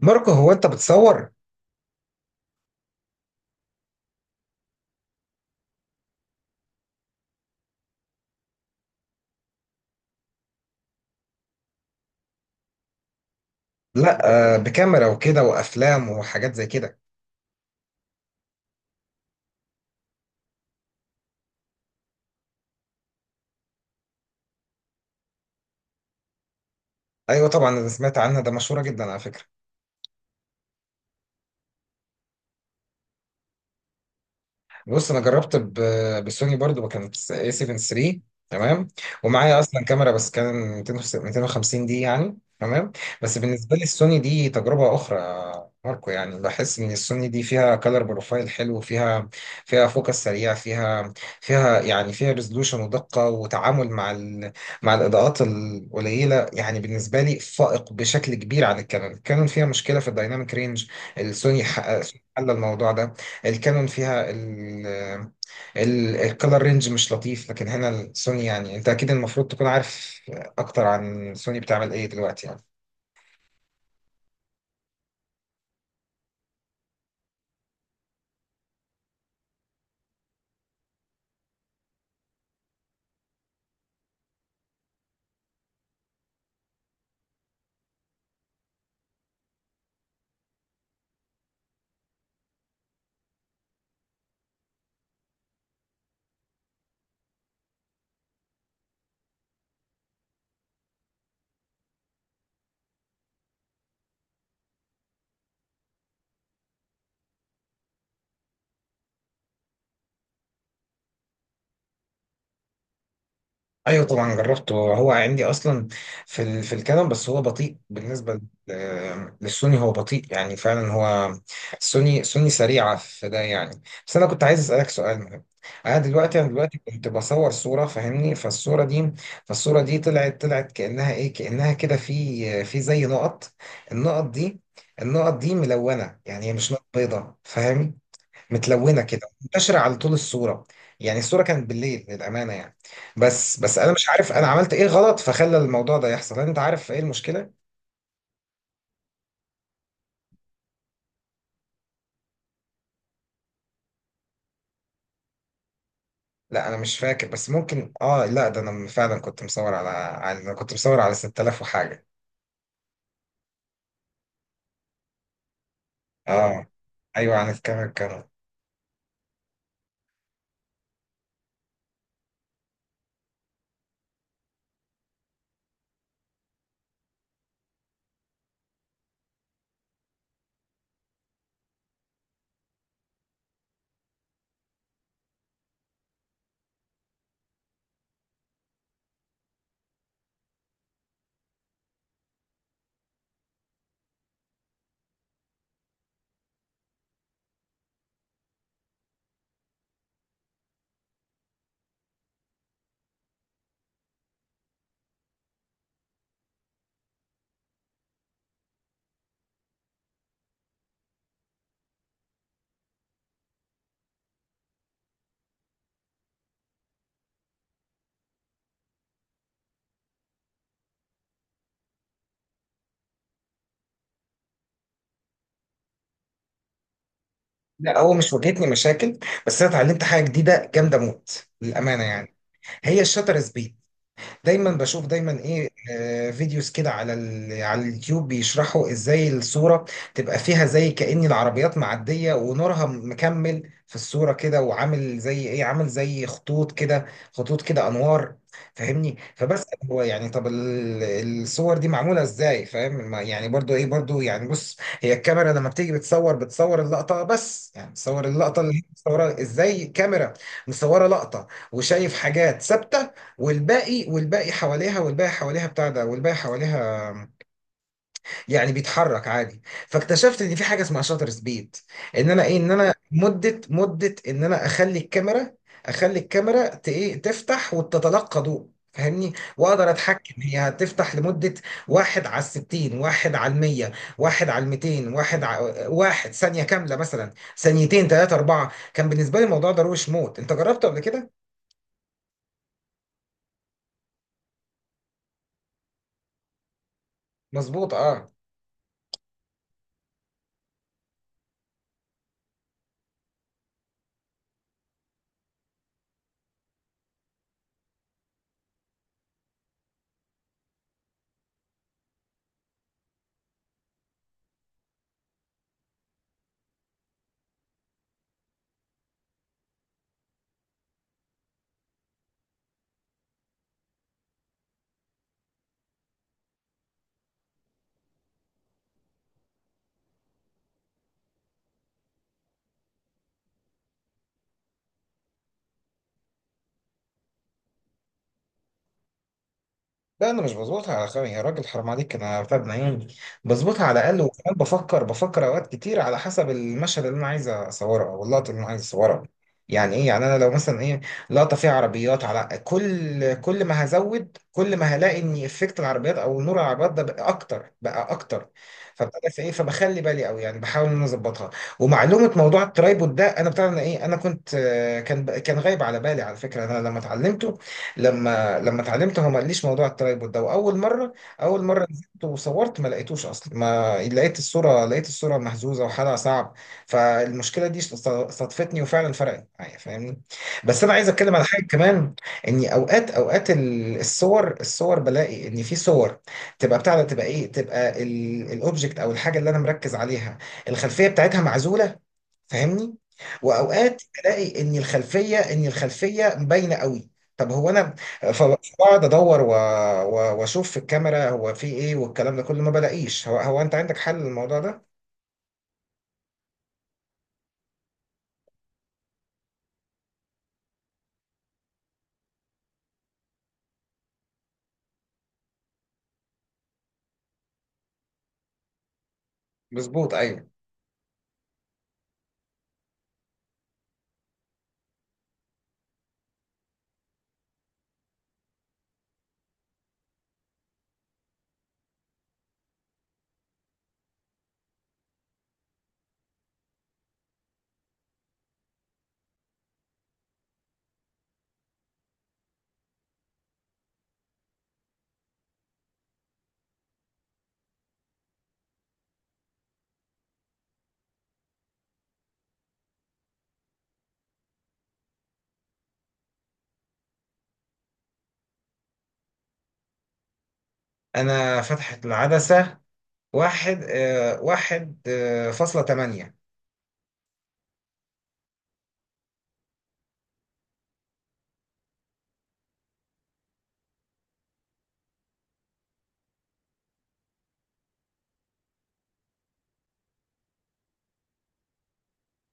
ماركو هو انت بتصور؟ لا. بكاميرا وكده وافلام وحاجات زي كده. ايوه طبعا انا سمعت عنها، ده مشهوره جدا على فكره. بص انا بالسوني برضو، ما كانت اي 7 3؟ تمام. ومعايا اصلا كاميرا بس كان 200 250، دي يعني تمام. بس بالنسبه لي السوني دي تجربه اخرى يا ماركو، يعني بحس ان السوني دي فيها كلر بروفايل حلو، فيها فيها فوكس سريع، فيها فيها يعني فيها ريزولوشن ودقه وتعامل مع الاضاءات القليله، يعني بالنسبه لي فائق بشكل كبير عن الكانون. الكانون فيها مشكله في الدايناميك رينج، السوني حقق- حل الموضوع ده. الكانون فيها ال ال الكالر رينج مش لطيف، لكن هنا السوني، يعني انت اكيد المفروض تكون عارف اكتر عن سوني بتعمل ايه دلوقتي يعني. ايوه طبعا جربته، هو عندي اصلا في الكلام، بس هو بطيء بالنسبه للسوني، هو بطيء يعني، فعلا هو. سوني سريعه في ده يعني. بس انا كنت عايز اسالك سؤال مهم. انا دلوقتي كنت بصور صوره، فاهمني؟ فالصوره دي طلعت كانها ايه، كانها كده في في زي نقط. النقط دي النقط دي ملونه، يعني هي مش نقط بيضاء، فاهم؟ متلونه كده، منتشره على طول الصوره. يعني الصوره كانت بالليل للامانه يعني. بس انا مش عارف انا عملت ايه غلط فخلى الموضوع ده يحصل، انت عارف ايه المشكله؟ لا انا مش فاكر، بس ممكن، اه لا، ده انا فعلا كنت مصور على على انا كنت مصور على 6000 وحاجه. اه ايوه عن الكاميرا الكاميرا. لا هو مش واجهتني مشاكل، بس انا اتعلمت حاجه جديده جامده موت للامانه يعني، هي الشاتر سبيد. دايما بشوف دايما ايه فيديوز كده على اليوتيوب بيشرحوا ازاي الصورة تبقى فيها زي كأن العربيات معدية ونورها مكمل في الصورة كده، وعامل زي ايه، عامل زي خطوط كده، خطوط كده انوار، فاهمني؟ فبس هو يعني طب الصور دي معمولة ازاي فاهم؟ يعني برضو ايه برضو، يعني بص هي الكاميرا لما بتيجي بتصور، بتصور اللقطة، بس يعني بتصور اللقطة اللي هي متصورة ازاي، كاميرا مصورة لقطة وشايف حاجات ثابتة، والباقي والباقي حواليها والباقي حواليها بتاع ده والباقي حواليها يعني بيتحرك عادي. فاكتشفت ان في حاجه اسمها شاتر سبيد، ان انا ايه، ان انا اخلي الكاميرا، اخلي الكاميرا ايه تفتح وتتلقى ضوء، فاهمني؟ واقدر اتحكم هي هتفتح لمده، واحد على الستين، واحد على المية، واحد على الميتين، واحد على واحد ثانيه كامله مثلا، ثانيتين ثلاثه اربعه. كان بالنسبه لي الموضوع ده روش موت، انت جربته قبل كده؟ مظبوط اه. لا انا مش بظبطها على خير يا راجل، حرام عليك، انا فاهم عيوني، بظبطها على الاقل. وكمان بفكر اوقات كتير على حسب المشهد اللي انا عايز اصوره او اللقطه اللي انا عايز اصورها. يعني ايه، يعني انا لو مثلا ايه، لقطه فيها عربيات، على كل، كل ما هزود كل ما هلاقي ان افكت العربيات او نور العربيات ده بقى اكتر بقى اكتر، فابتدى في ايه، فبخلي بالي قوي يعني، بحاول ان انا اظبطها. ومعلومه موضوع الترايبود ده انا بتاع انا ايه، انا كنت كان غايب على بالي على فكره. انا لما اتعلمته، لما اتعلمته هو ما قاليش موضوع الترايبود ده، واول مره، اول مره نزلت وصورت ما لقيتوش اصلا، ما لقيت الصوره، لقيت الصوره مهزوزه وحالها صعب. فالمشكله دي صدفتني وفعلا فرقت معايا، فاهمني؟ بس انا عايز اتكلم على حاجه كمان، اني اوقات الصور، الصور بلاقي ان في صور تبقى بتاع ده، تبقى ايه، تبقى الاوبجكت او الحاجه اللي انا مركز عليها، الخلفيه بتاعتها معزوله، فاهمني؟ واوقات الاقي ان الخلفيه، ان الخلفيه باينه قوي. طب هو انا فبقعد ادور واشوف في الكاميرا هو في ايه، والكلام ده كله ما بلاقيش، هو هو انت عندك حل للموضوع ده؟ مظبوط ايوه. انا فتحت العدسه، واحد واحد فاصلة تمانية.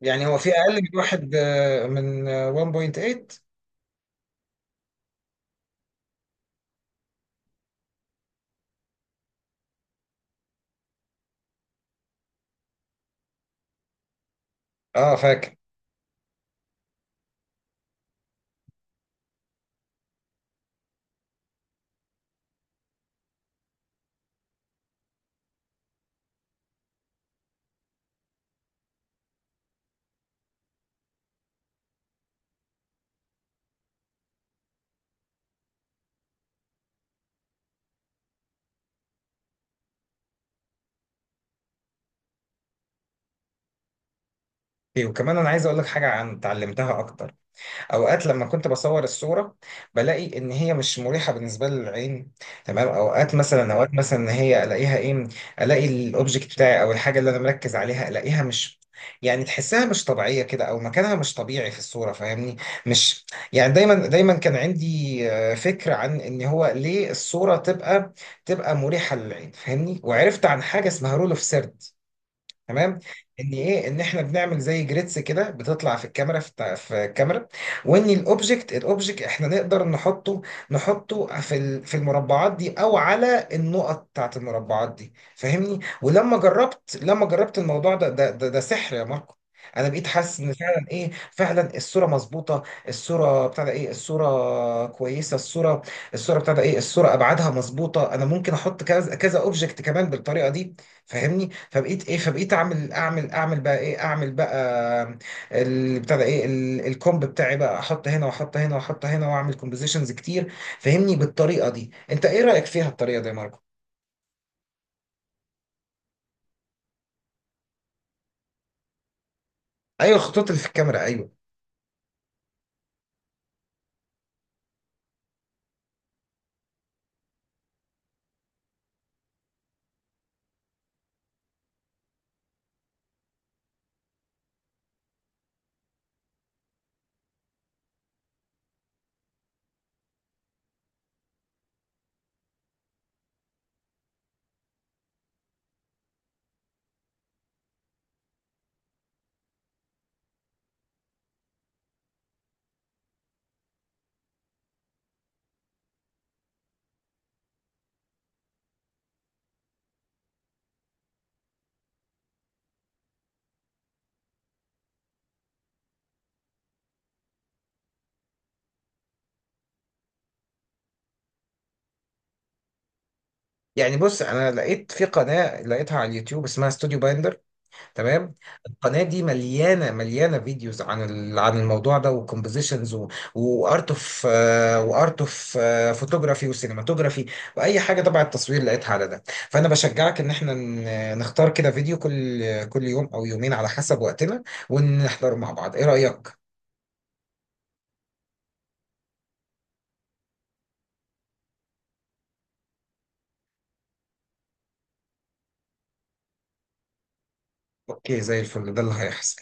يعني هو في اقل من واحد، آه، من آه، 1.8؟ اه فاكر. وكمان انا عايز اقول لك حاجه عن اتعلمتها اكتر. اوقات لما كنت بصور الصوره بلاقي ان هي مش مريحه بالنسبه لي للعين، تمام؟ اوقات مثلا اه، اوقات مثلا ان هي الاقيها ايه، الاقي الاوبجكت بتاعي او الحاجه اللي انا مركز عليها الاقيها مش، يعني تحسها مش طبيعيه كده او مكانها مش طبيعي في الصوره، فاهمني؟ مش يعني، دايما كان عندي فكره عن ان هو ليه الصوره تبقى مريحه للعين، فاهمني؟ وعرفت عن حاجه اسمها رول اوف سيرد، تمام؟ ان ايه، ان احنا بنعمل زي جريدز كده بتطلع في الكاميرا في الكاميرا، وان الاوبجكت احنا نقدر نحطه في المربعات دي او على النقط بتاعت المربعات دي، فاهمني؟ ولما جربت، لما جربت الموضوع ده ده سحر يا ماركو. انا بقيت حاسس ان فعلا ايه، فعلا الصوره مظبوطه، الصوره بتاع ده ايه، الصوره كويسه، الصوره الصوره بتاع ده ايه، الصوره ابعادها مظبوطه، انا ممكن احط كذا كذا اوبجكت كمان بالطريقه دي، فاهمني؟ فبقيت ايه، فبقيت اعمل بقى ايه، اعمل بقى اللي بتاع ده ايه، الكومب بتاعي، بقى احط هنا واحط هنا واحط هنا واعمل كومبوزيشنز كتير، فاهمني؟ بالطريقه دي انت ايه رايك فيها الطريقه دي يا ماركو؟ ايوه الخطوط اللي في الكاميرا ايوه. يعني بص انا لقيت في قناه، لقيتها على اليوتيوب، اسمها ستوديو بايندر، تمام؟ القناه دي مليانه فيديوز عن عن الموضوع ده، وكومبوزيشنز وارت اوف وارت اوف فوتوغرافي وسينماتوجرافي واي حاجه تبع التصوير لقيتها على ده. فانا بشجعك ان احنا نختار كده فيديو كل، كل يوم او يومين على حسب وقتنا، ونحضره مع بعض، ايه رايك؟ اوكي زي الفل، ده اللي هيحصل.